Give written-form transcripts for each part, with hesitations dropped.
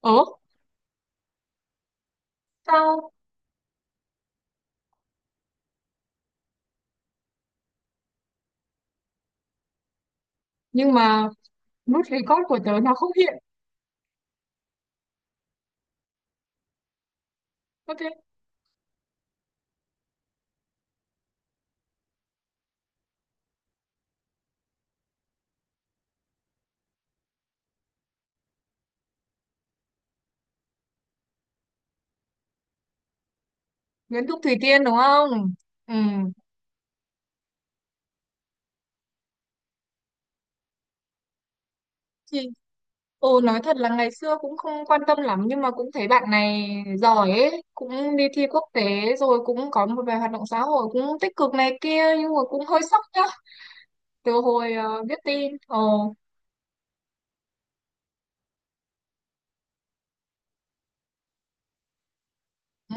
Ớ, sao? Nhưng mà nút record của tớ nó không hiện. Ok, Nguyễn Thúc Thủy Tiên đúng không? Ừ. Thì, ồ, nói thật là ngày xưa cũng không quan tâm lắm nhưng mà cũng thấy bạn này giỏi ấy. Cũng đi thi quốc tế rồi cũng có một vài hoạt động xã hội cũng tích cực này kia nhưng mà cũng hơi sốc nhá. Từ hồi biết tin. Ồ, ừ.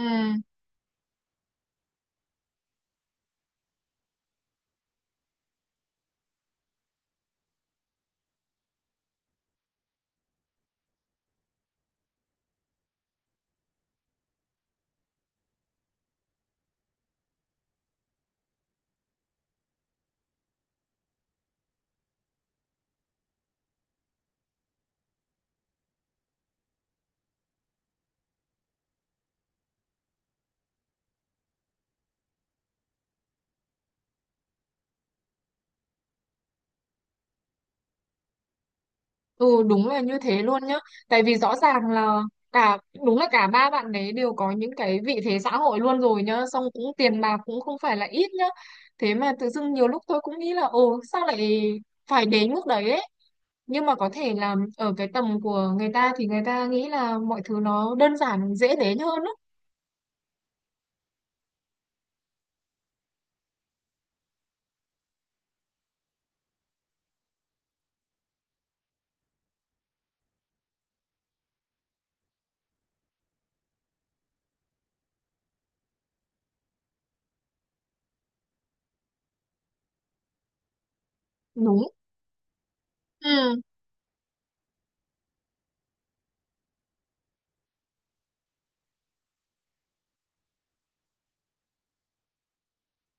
Ừ, đúng là như thế luôn nhá. Tại vì rõ ràng là cả đúng là cả ba bạn đấy đều có những cái vị thế xã hội luôn rồi nhá. Xong cũng tiền bạc cũng không phải là ít nhá. Thế mà tự dưng nhiều lúc tôi cũng nghĩ là ồ, sao lại phải đến mức đấy ấy. Nhưng mà có thể là ở cái tầm của người ta thì người ta nghĩ là mọi thứ nó đơn giản, dễ đến hơn á. Đúng. Ừ,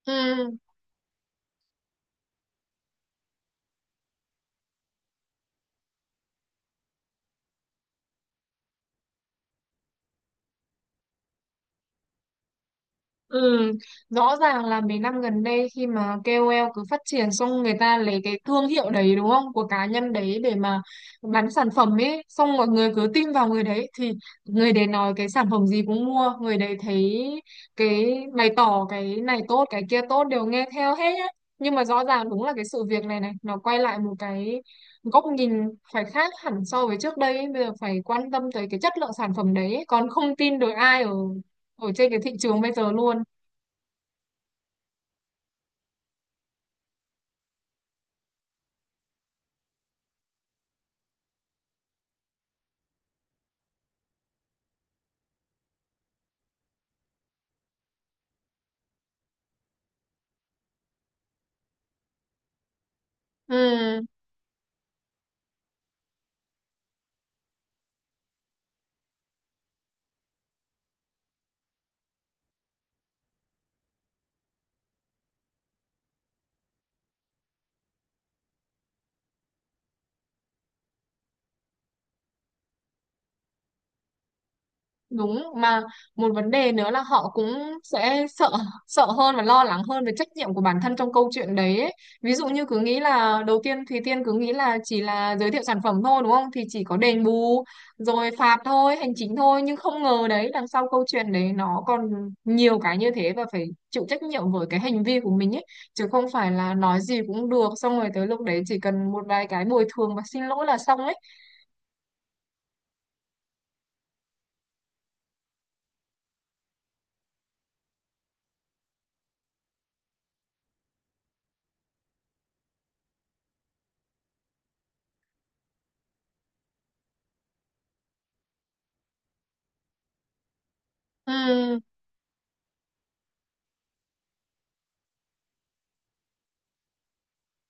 ừ. Ừ, rõ ràng là mấy năm gần đây khi mà KOL cứ phát triển, xong người ta lấy cái thương hiệu đấy, đúng không, của cá nhân đấy để mà bán sản phẩm ấy, xong mọi người cứ tin vào người đấy thì người đấy nói cái sản phẩm gì cũng mua, người đấy thấy cái bày tỏ cái này tốt cái kia tốt đều nghe theo hết á. Nhưng mà rõ ràng đúng là cái sự việc này này nó quay lại một cái góc nhìn phải khác hẳn so với trước đây ấy. Bây giờ phải quan tâm tới cái chất lượng sản phẩm đấy ấy. Còn không tin được ai ở ở trên cái thị trường bây giờ luôn. Ừ, đúng mà. Một vấn đề nữa là họ cũng sẽ sợ sợ hơn và lo lắng hơn về trách nhiệm của bản thân trong câu chuyện đấy ấy. Ví dụ như cứ nghĩ là đầu tiên Thùy Tiên cứ nghĩ là chỉ là giới thiệu sản phẩm thôi, đúng không, thì chỉ có đền bù rồi phạt thôi, hành chính thôi, nhưng không ngờ đấy, đằng sau câu chuyện đấy nó còn nhiều cái như thế và phải chịu trách nhiệm với cái hành vi của mình ấy, chứ không phải là nói gì cũng được, xong rồi tới lúc đấy chỉ cần một vài cái bồi thường và xin lỗi là xong ấy. Ừ,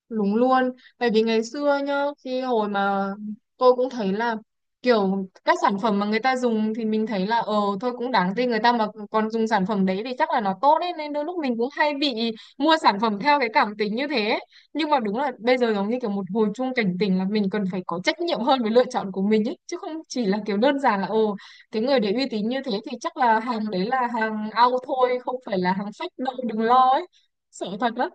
đúng luôn, bởi vì ngày xưa nhá, khi hồi mà tôi cũng thấy là kiểu các sản phẩm mà người ta dùng thì mình thấy là ờ thôi cũng đáng tin, người ta mà còn dùng sản phẩm đấy thì chắc là nó tốt ấy, nên đôi lúc mình cũng hay bị mua sản phẩm theo cái cảm tính như thế. Nhưng mà đúng là bây giờ giống như kiểu một hồi chuông cảnh tỉnh là mình cần phải có trách nhiệm hơn với lựa chọn của mình ấy, chứ không chỉ là kiểu đơn giản là ồ cái người đấy uy tín như thế thì chắc là hàng đấy là hàng ao thôi, không phải là hàng fake đâu, đừng lo ấy. Sợ thật lắm.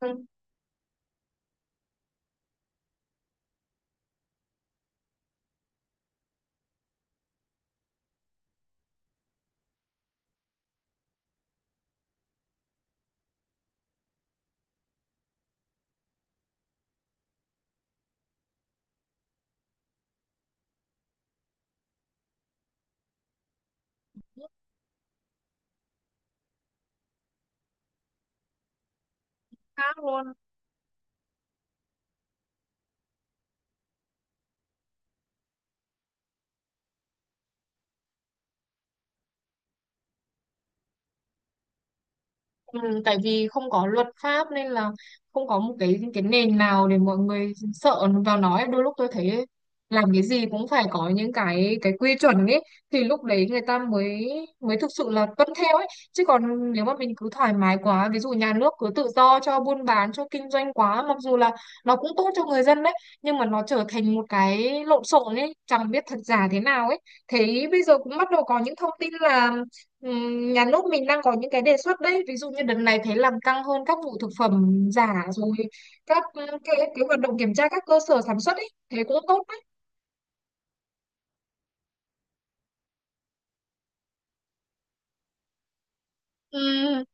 Ừ, khác luôn. Ừ, tại vì không có luật pháp nên là không có một cái nền nào để mọi người sợ vào, nói đôi lúc tôi thấy làm cái gì cũng phải có những cái quy chuẩn ấy thì lúc đấy người ta mới mới thực sự là tuân theo ấy, chứ còn nếu mà mình cứ thoải mái quá, ví dụ nhà nước cứ tự do cho buôn bán cho kinh doanh quá, mặc dù là nó cũng tốt cho người dân đấy, nhưng mà nó trở thành một cái lộn xộn ấy, chẳng biết thật giả thế nào ấy. Thế bây giờ cũng bắt đầu có những thông tin là nhà nước mình đang có những cái đề xuất đấy, ví dụ như đợt này thấy làm căng hơn các vụ thực phẩm giả rồi các cái hoạt động kiểm tra các cơ sở sản xuất ấy, thế cũng tốt đấy. Ừ,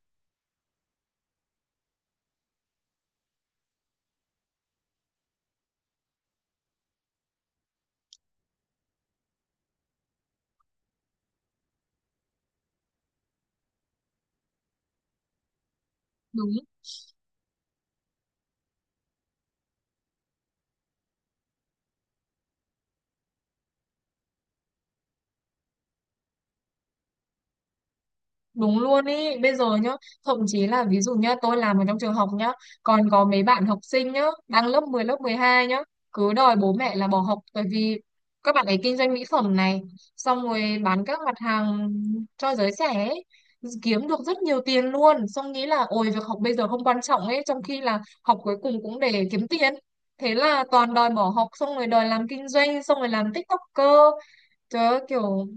đúng. Đúng luôn ý, bây giờ nhá, thậm chí là ví dụ nhá, tôi làm ở trong trường học nhá, còn có mấy bạn học sinh nhá, đang lớp 10 lớp 12 nhá, cứ đòi bố mẹ là bỏ học bởi vì các bạn ấy kinh doanh mỹ phẩm này, xong rồi bán các mặt hàng cho giới trẻ ấy, kiếm được rất nhiều tiền luôn, xong nghĩ là ôi việc học bây giờ không quan trọng ấy, trong khi là học cuối cùng cũng để kiếm tiền. Thế là toàn đòi bỏ học xong rồi đòi làm kinh doanh xong rồi làm TikToker. Trời ơi, kiểu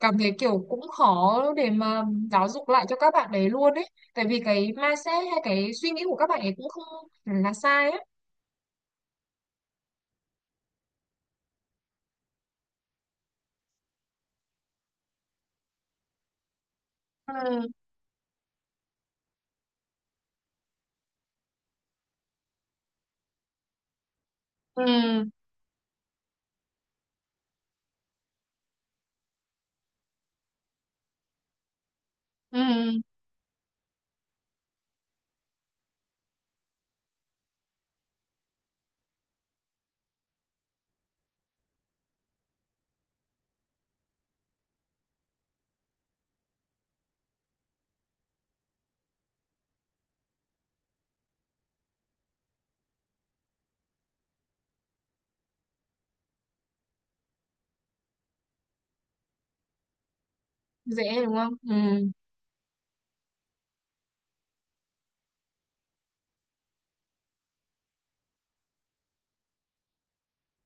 cảm thấy kiểu cũng khó để mà giáo dục lại cho các bạn đấy luôn ấy. Tại vì cái mindset hay cái suy nghĩ của các bạn ấy cũng không hẳn là sai ấy. Ừ, ừ, ừ. Dễ đúng không? Ừ.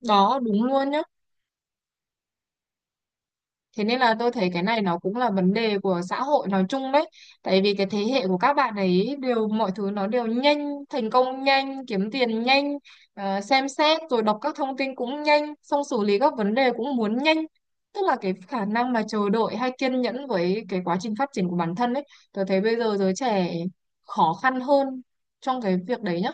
Đó, đúng luôn nhá. Thế nên là tôi thấy cái này nó cũng là vấn đề của xã hội nói chung đấy. Tại vì cái thế hệ của các bạn ấy đều mọi thứ nó đều nhanh, thành công nhanh, kiếm tiền nhanh, xem xét rồi đọc các thông tin cũng nhanh, xong xử lý các vấn đề cũng muốn nhanh. Tức là cái khả năng mà chờ đợi hay kiên nhẫn với cái quá trình phát triển của bản thân ấy, tôi thấy bây giờ giới trẻ khó khăn hơn trong cái việc đấy nhá.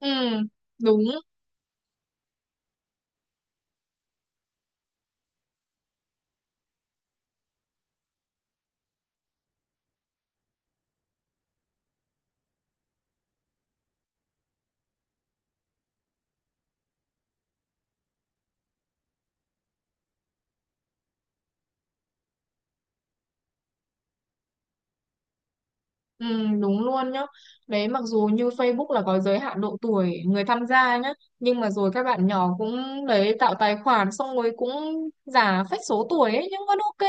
Ừ, đúng. Ừ, đúng luôn nhá. Đấy mặc dù như Facebook là có giới hạn độ tuổi người tham gia nhá, nhưng mà rồi các bạn nhỏ cũng đấy tạo tài khoản xong rồi cũng giả phách số tuổi ấy nhưng vẫn ok.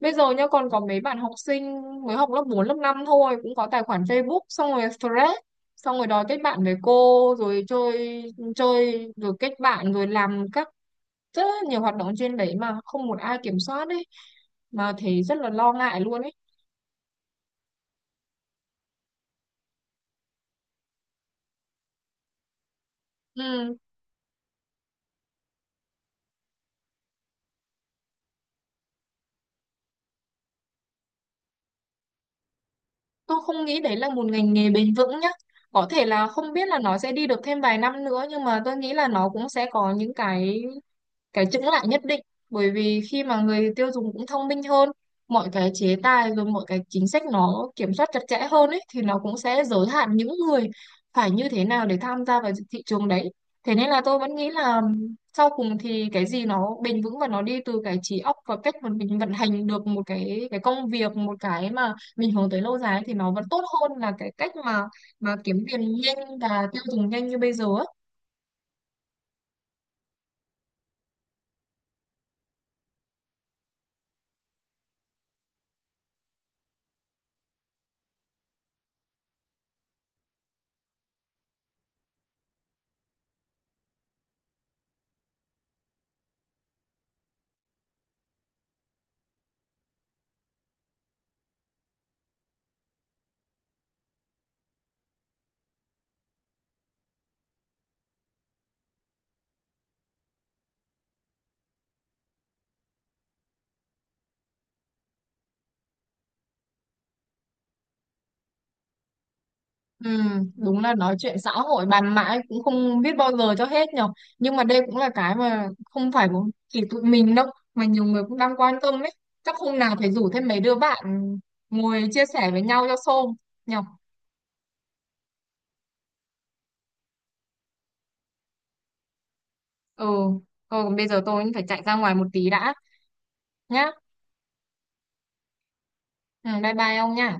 Bây giờ nhá còn có mấy bạn học sinh mới học lớp 4 lớp 5 thôi cũng có tài khoản Facebook xong rồi thread xong rồi đòi kết bạn với cô rồi chơi chơi rồi kết bạn rồi làm các rất là nhiều hoạt động trên đấy mà không một ai kiểm soát đấy, mà thấy rất là lo ngại luôn ấy. Ừ. Tôi không nghĩ đấy là một ngành nghề bền vững nhá. Có thể là không biết là nó sẽ đi được thêm vài năm nữa nhưng mà tôi nghĩ là nó cũng sẽ có những cái chững lại nhất định, bởi vì khi mà người tiêu dùng cũng thông minh hơn, mọi cái chế tài rồi mọi cái chính sách nó kiểm soát chặt chẽ hơn ấy thì nó cũng sẽ giới hạn những người phải như thế nào để tham gia vào thị trường đấy. Thế nên là tôi vẫn nghĩ là sau cùng thì cái gì nó bền vững và nó đi từ cái trí óc và cách mà mình vận hành được một cái công việc, một cái mà mình hướng tới lâu dài ấy, thì nó vẫn tốt hơn là cái cách mà kiếm tiền nhanh và tiêu dùng nhanh như bây giờ ấy. Ừ, đúng là nói chuyện xã hội bàn mãi cũng không biết bao giờ cho hết nhở, nhưng mà đây cũng là cái mà không phải một chỉ tụi mình đâu, mà nhiều người cũng đang quan tâm ấy. Chắc hôm nào phải rủ thêm mấy đứa bạn ngồi chia sẻ với nhau cho xôm nhở. Ừ, ừ, còn bây giờ tôi cũng phải chạy ra ngoài một tí đã nhá. Ừ, bye bye ông nha.